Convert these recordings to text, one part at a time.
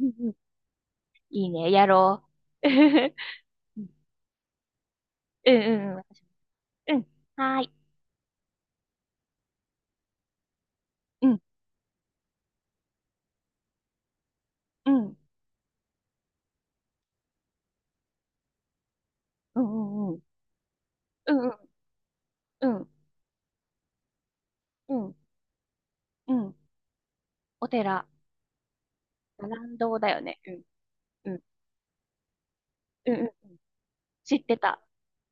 うんうんいいね、やろう。うんうんうん。うん、はーい。うん、うん、うん、うん、うん、うん、うん、うん、うんうん。お寺、乱道だよね。うん、うん、うん。知ってた。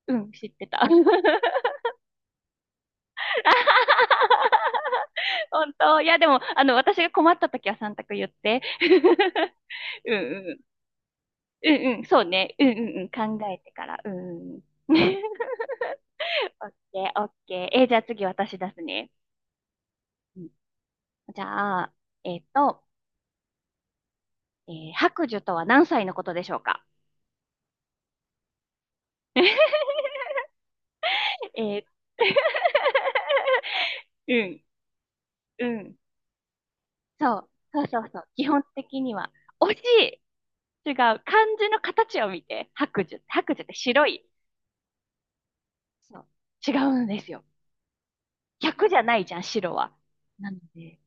うん、知ってた。本当。いや、でも、あの、私が困った時は3択言って。うんうん。うん。そうね。うん。考えてから。うん。オッケー、オッケー。じゃあ次私出すね。うんじゃあ、えっと、白寿とは何歳のことでしょうか？ えー うん、うん。そう、そう。基本的には。惜しい、違う。漢字の形を見て。白寿。白寿って白い。そう。違うんですよ。100じゃないじゃん、白は。なので。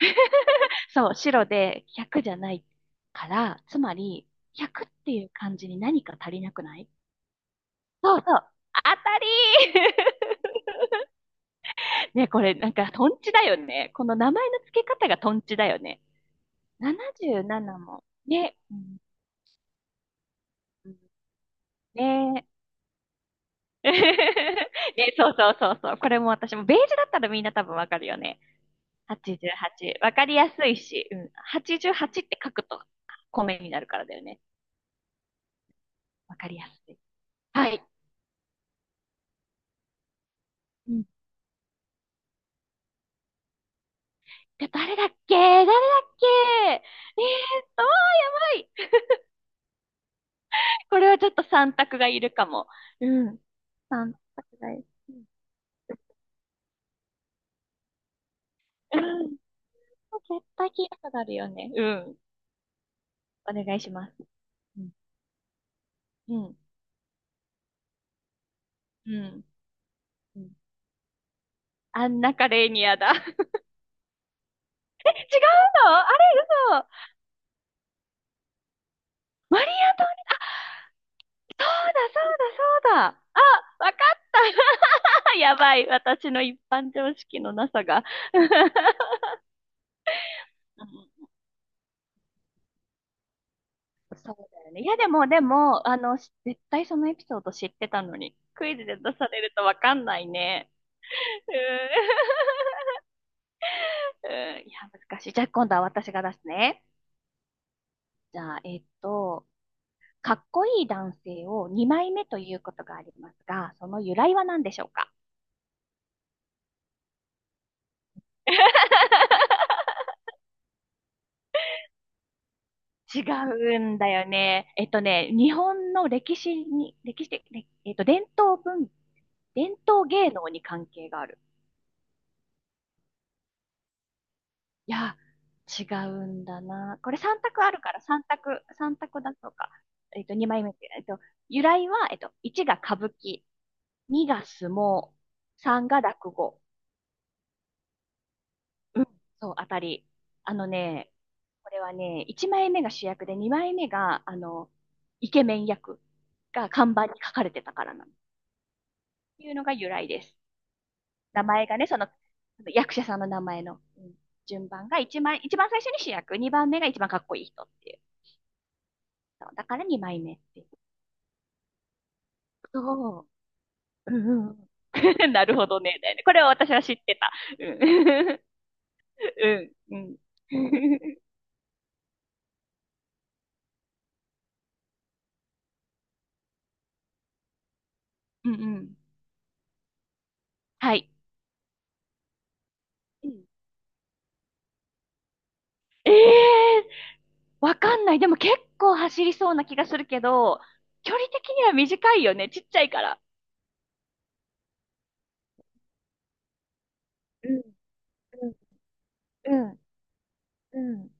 そう、白で100じゃないから、つまり、100っていう漢字に何か足りなくない？そうそう。あ、当たりー。 ね、これなんかトンチだよね。この名前の付け方がトンチだよね。77も。ね。うんうんね。ね、そう。これも私も、ベージュだったらみんな多分わかるよね。88。わかりやすいし、うん。88って書くと米になるからだよね。わかりやすい。はい。うん。で、誰だっけ。あー、やばい。これはちょっと三択がいるかも。うん。三択がいる。うん。絶対聞いたことあるよね。うん。お願いします。うん。うん。うん。うん。アンナカレーニアだ。違うのあれ？嘘。マリア、そうだ、そうだ、そうだ。あ、わかった。やばい。私の一般常識のなさが。うんそうだよね。でも、絶対そのエピソード知ってたのに、クイズで出されるとわかんないね。うん。うんいや、難しい。じゃあ、今度は私が出すね。じゃあ、かっこいい男性を2枚目ということがありますが、その由来は何でしょうか？違うんだよね。日本の歴史に、歴史的、えっと、伝統文、伝統芸能に関係がある。いや、違うんだな。これ3択あるから、3択だとか。2枚目って、由来は、1が歌舞伎、2が相撲、3が落語、うん、そう、当たり。あのね、これはね、1枚目が主役で2枚目が、あの、イケメン役が看板に書かれてたからなの。っていうのが由来です。名前がね、その、役者さんの名前の、うん、順番が一番最初に主役、2番目が一番かっこいい人っていう。そうだから2枚目っていう。そう。うんうん。なるほどね。だよね。これは私は知ってた。うん。うん。うん。うんうん。はい。うん、ええ、わかんない。でも結構走りそうな気がするけど、距離的には短いよね。ちっちゃいから。うんうんうんうん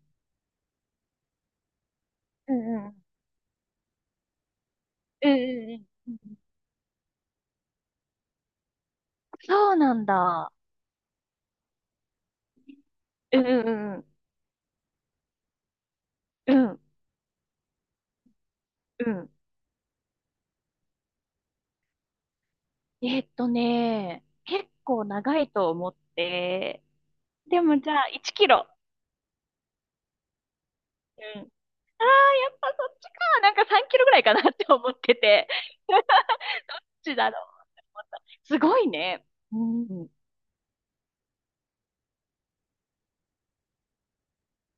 うんうんうんうんうんうん。そうなんだ。うんうんうんうん。うんうね、結構長いと思って、でもじゃあ1キロ。うん。ああ、やっぱそっちか。なんか3キロぐらいかなって思ってて。どっちだろう。すごいね。うん。うん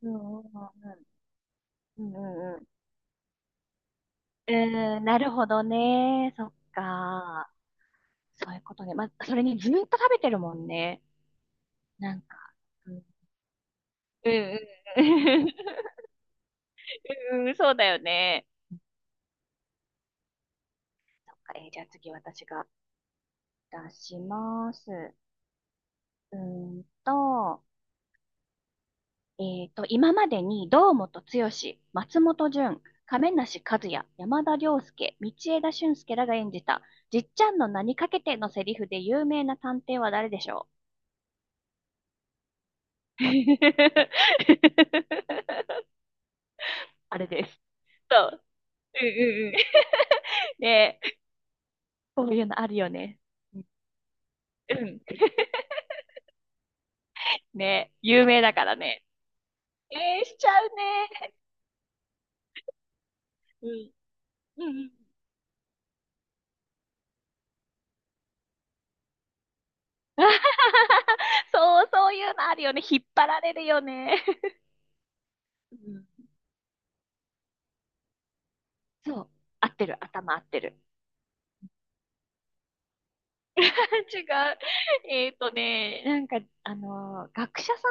うんうんうんうんうーん、なるほどね。そっか。そういうことね。まあ、それにずっと食べてるもんね。なんか。うん、うん、うん。うん、そうだよね。そっか、じゃあ次私が出します。うーんと、今までに堂本剛、松本潤、亀梨和也、山田涼介、道枝駿佑らが演じた、じっちゃんの名にかけてのセリフで有名な探偵は誰でしょう？ あれです。うんうんうん ねえ、こういうのあるよね。うんうん。ねえ、有名だからね。えー、しちゃうね。うん。うんうん。そう、そういうのあるよね。引っ張られるよね。うん。そう。合ってる。頭合ってる。違う。えっとね、なんか、学者さ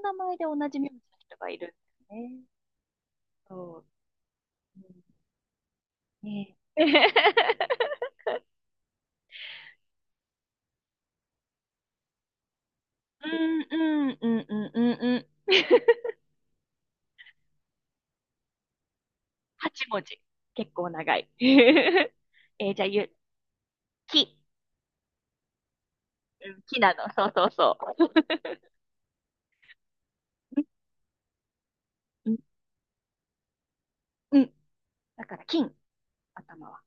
んの名前で同じ名字の人がいるんだよね。そう。うんねえ。うんうんうんうんうんうん8文字。結構長い。えーじゃあ、き。うんきなの。そう。うん、うん。うんだから、金。頭は。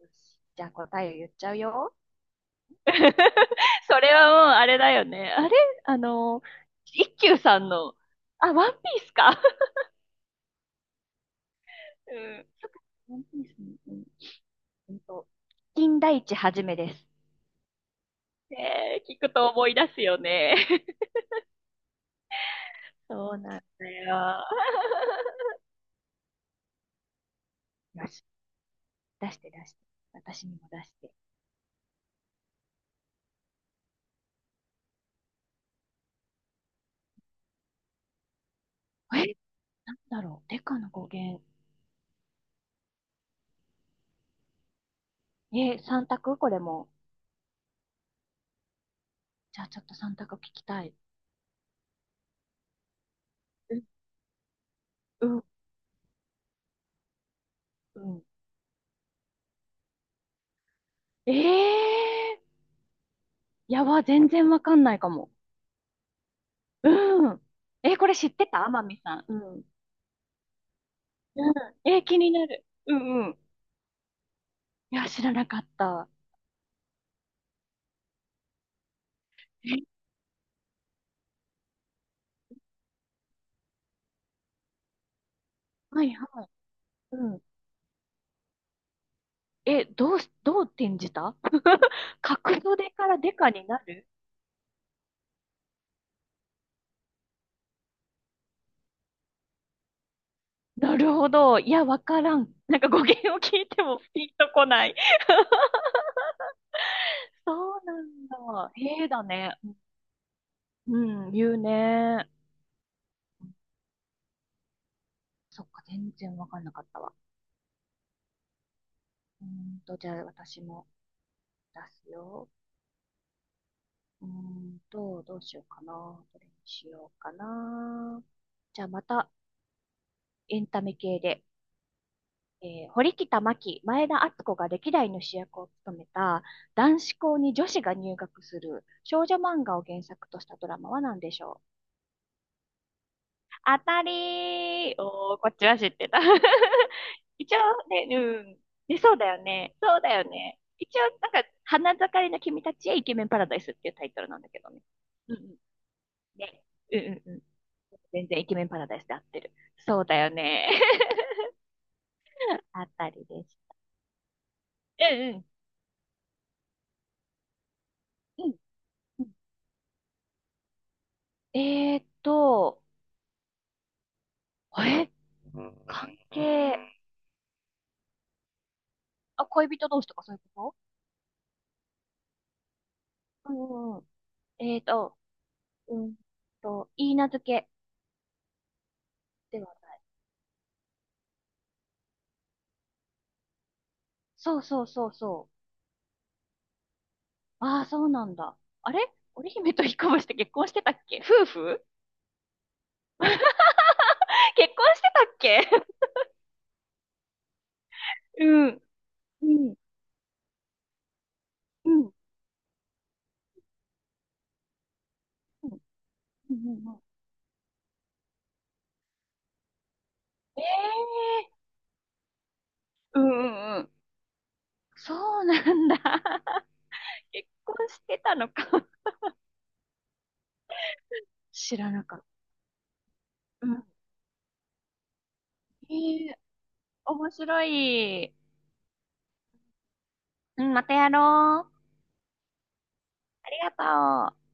よし。じゃあ、答えを言っちゃうよ。それはもう、あれだよね。あれあの、一休さんの、あ、ワンピースか。うん。ワンピースの、うん、うんと、金田一はじめです。えー、聞くと思い出すよね。そうなんだよ。よし。出して。私にも出して。え、なんだろう。デカの語源。え、三択これも。じゃあちょっと三択聞きたい。うん、うん、うん。えー、やば、全然わかんないかも。うん。え、これ知ってた、天海さん。うん。うん。え、気になる。うん。いや、知らなかった。え、はいはい。うん。え、どう転じた？ 角度でからデカになる？なるほど。いや、わからん。なんか語源を聞いてもピンとこない。そうなんだ。へえだね。うん、言うね。そっか、全然わかんなかったわ。うーんと、じゃあ私も出すよ。うーんと、どうしようかな。どれにしようかな。じゃあまたエンタメ系で。えー、堀北真希、前田敦子が歴代の主役を務めた男子校に女子が入学する少女漫画を原作としたドラマは何でしょう？当たり。をこっちは知ってた。一応ね、うん。ね、そうだよね。そうだよね。一応、なんか、花盛りの君たちへイケメンパラダイスっていうタイトルなんだけどね。うんうん。ね。うんうんうん。全然イケメンパラダイスで合ってる。そうだよね。あたりです。うんうん。うん。うんえーっと、え、関係、あ、恋人同士とかそういうこと？うん。えーっと、うんと、いいなずけでは？そう。ああ、そうなんだ。あれ、織姫と彦星って結婚してたっけ？夫婦？結婚してたっけ？うん。うん。うん。うん。うん。ええー。んうん。そうなんだ。結婚してたのか。知らなかった。うん。ええ、面白い。うん、またやろう。ありがとう。